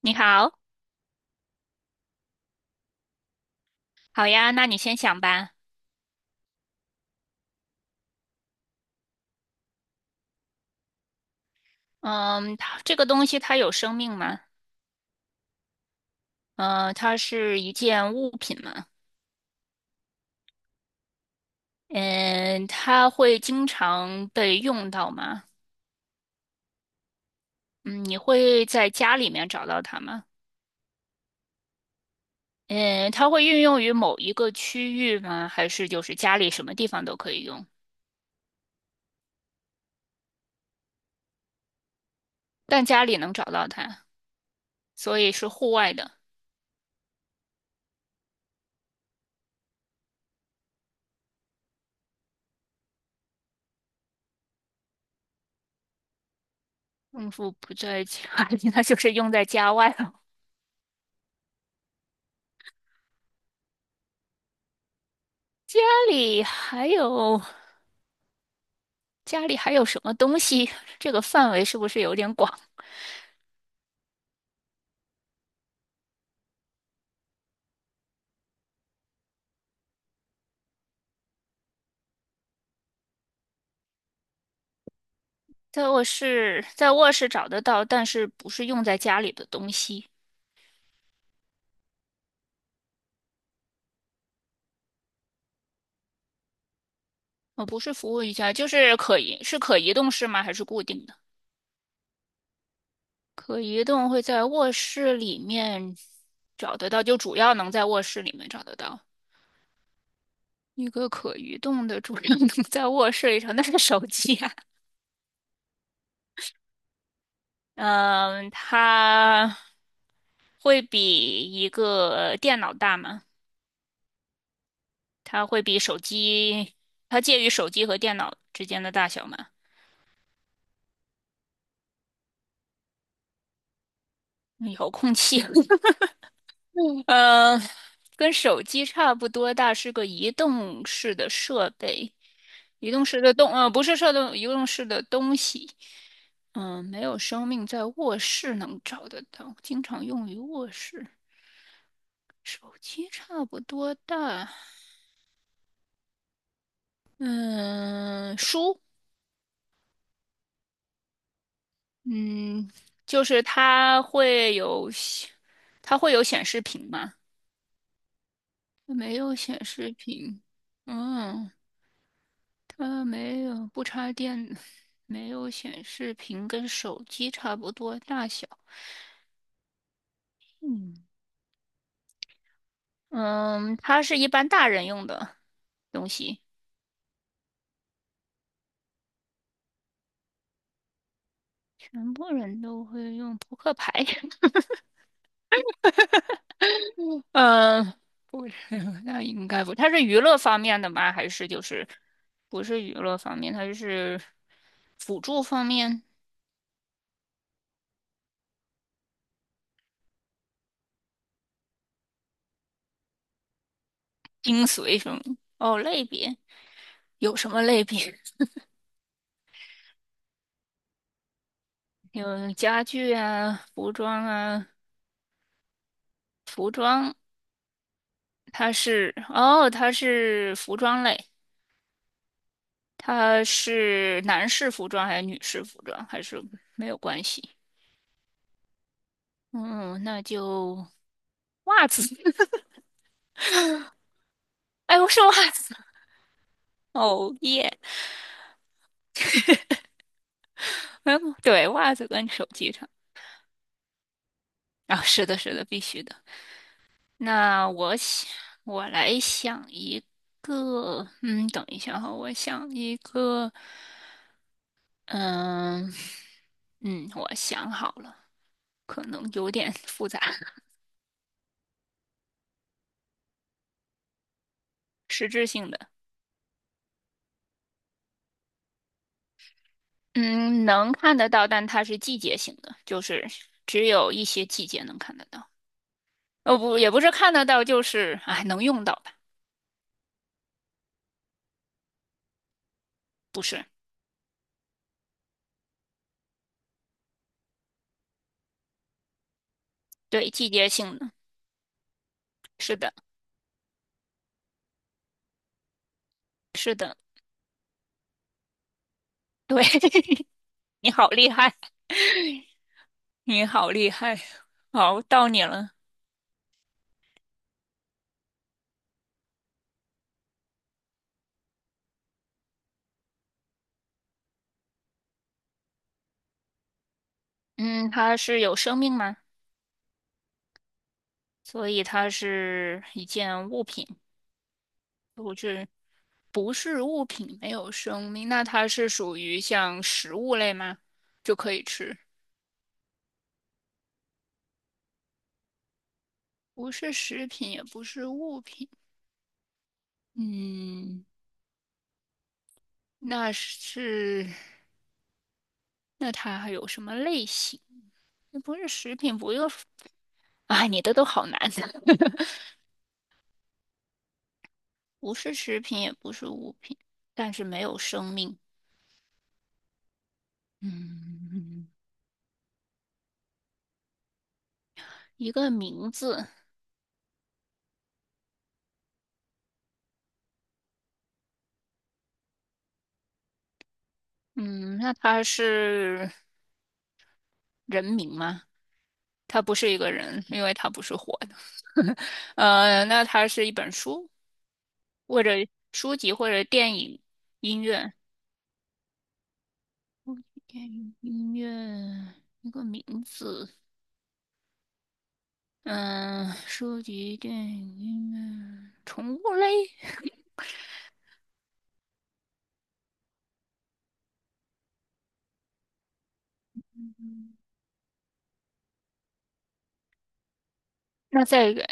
你好，好呀，那你先想吧。嗯，它这个东西它有生命吗？嗯，它是一件物品吗？嗯，它会经常被用到吗？嗯，你会在家里面找到它吗？嗯，它会运用于某一个区域吗？还是就是家里什么地方都可以用？但家里能找到它，所以是户外的。嗯，夫不在家里，那就是用在家外了。家里还有。家里还有什么东西？这个范围是不是有点广？在卧室，在卧室找得到，但是不是用在家里的东西？不是服务于家，就是可移，是可移动式吗？还是固定的？可移动会在卧室里面找得到，就主要能在卧室里面找得到。一个可移动的，主要能在卧室里找，那是手机啊。嗯，它会比一个电脑大吗？它会比手机，它介于手机和电脑之间的大小嘛？嗯遥控器，嗯，跟手机差不多大，是个移动式的设备，移动式的动，不是设动，移动式的东西。嗯，没有生命，在卧室能找得到，经常用于卧室。手机差不多大，嗯，书，嗯，就是它会有，它会有显示屏吗？没有显示屏，嗯，它没有不插电，没有显示屏，跟手机差不多大小。嗯嗯，它是一般大人用的东西，全部人都会用扑克牌。嗯，不是，那应该不，它是娱乐方面的吗？还是就是不是娱乐方面，它就是辅助方面，精髓什么？哦，类别有什么类别？有家具啊、服装啊，服装它是哦，它是服装类，它是男士服装还是女士服装，还是没有关系？嗯，那就袜子，哎，我是袜子，哦耶，嗯，对，袜子跟手机上啊，是的，是的，必须的。那我想，我来想一个，嗯，等一下哈，我想一个，嗯嗯，我想好了。可能有点 复杂，实质性的，嗯，能看得到，但它是季节性的，就是只有一些季节能看得到。哦，不，也不是看得到，就是哎，能用到吧？不是，对，季节性的，是的，是的，对，你好厉害，你好厉害，好，到你了。嗯，它是有生命吗？所以它是一件物品。不是物品，没有生命，那它是属于像食物类吗？就可以吃，不是食品，也不是物品。嗯，那是，那它还有什么类型？也不是食品，不用，啊，你的都好难的，不是食品，也不是物品，但是没有生命。嗯，一个名字。嗯，那它是。人名吗？他不是一个人，因为他不是活的。那它是一本书，或者书籍，或者电影、音乐、电影、音乐一个名字。嗯，书籍、电影、音乐、宠物类。那再一个，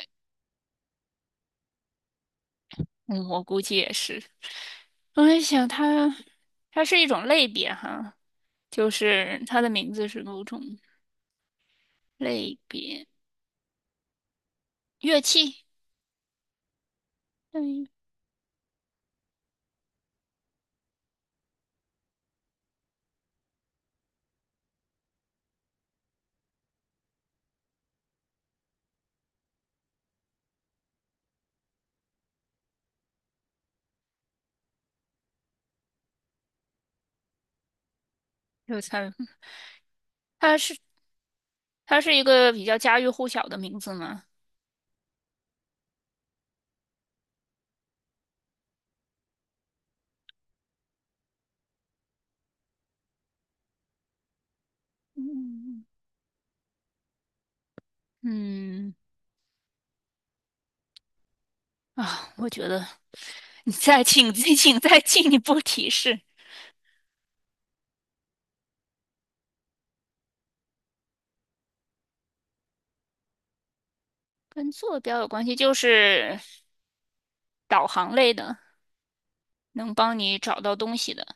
嗯，我估计也是。我在想它，它是一种类别哈，就是它的名字是某种类别乐器。嗯，有猜，它它是一个比较家喻户晓的名字嘛。嗯嗯啊，我觉得你再请 再请再进一步提示，跟坐标有关系，就是导航类的，能帮你找到东西的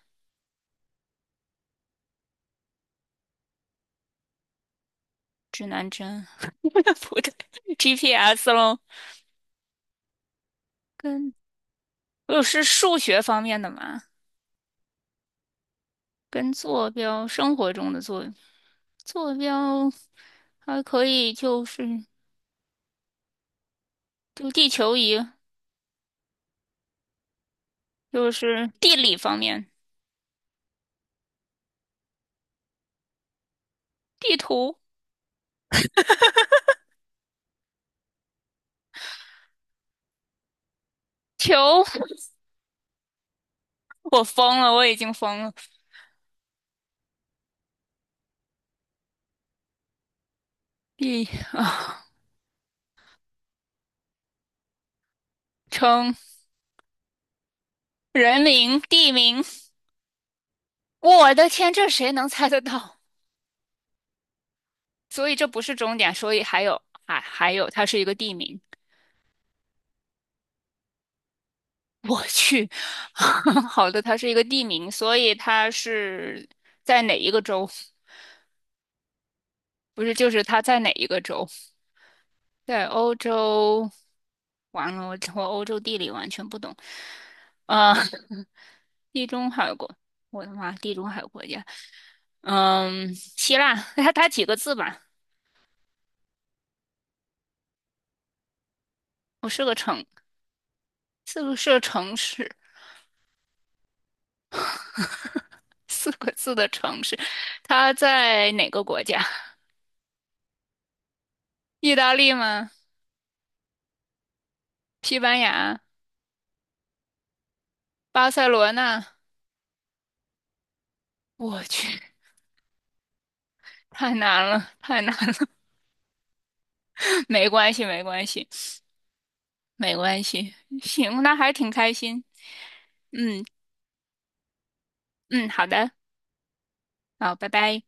指南针，不对，GPS 喽。跟是数学方面的嘛，跟坐标生活中的坐坐标还可以就是就地球仪，就是地理方面。地图球，我疯了，我已经疯了。地啊，称人名、地名，我的天，这谁能猜得到？所以这不是终点，所以还有还还有，它是一个地名。我去，好的，它是一个地名，所以它是在哪一个州？不是，就是它在哪一个州？在欧洲。完了，我欧洲地理完全不懂。啊，地中海国，我的妈，地中海国家。嗯，希腊，它它几个字吧？我是个城，四个是个城市，四个字的城市。它在哪个国家？意大利吗？西班牙？巴塞罗那？我去，太难了，太难了。没关系，没关系，没关系。行，那还挺开心。嗯，好的，好，拜拜。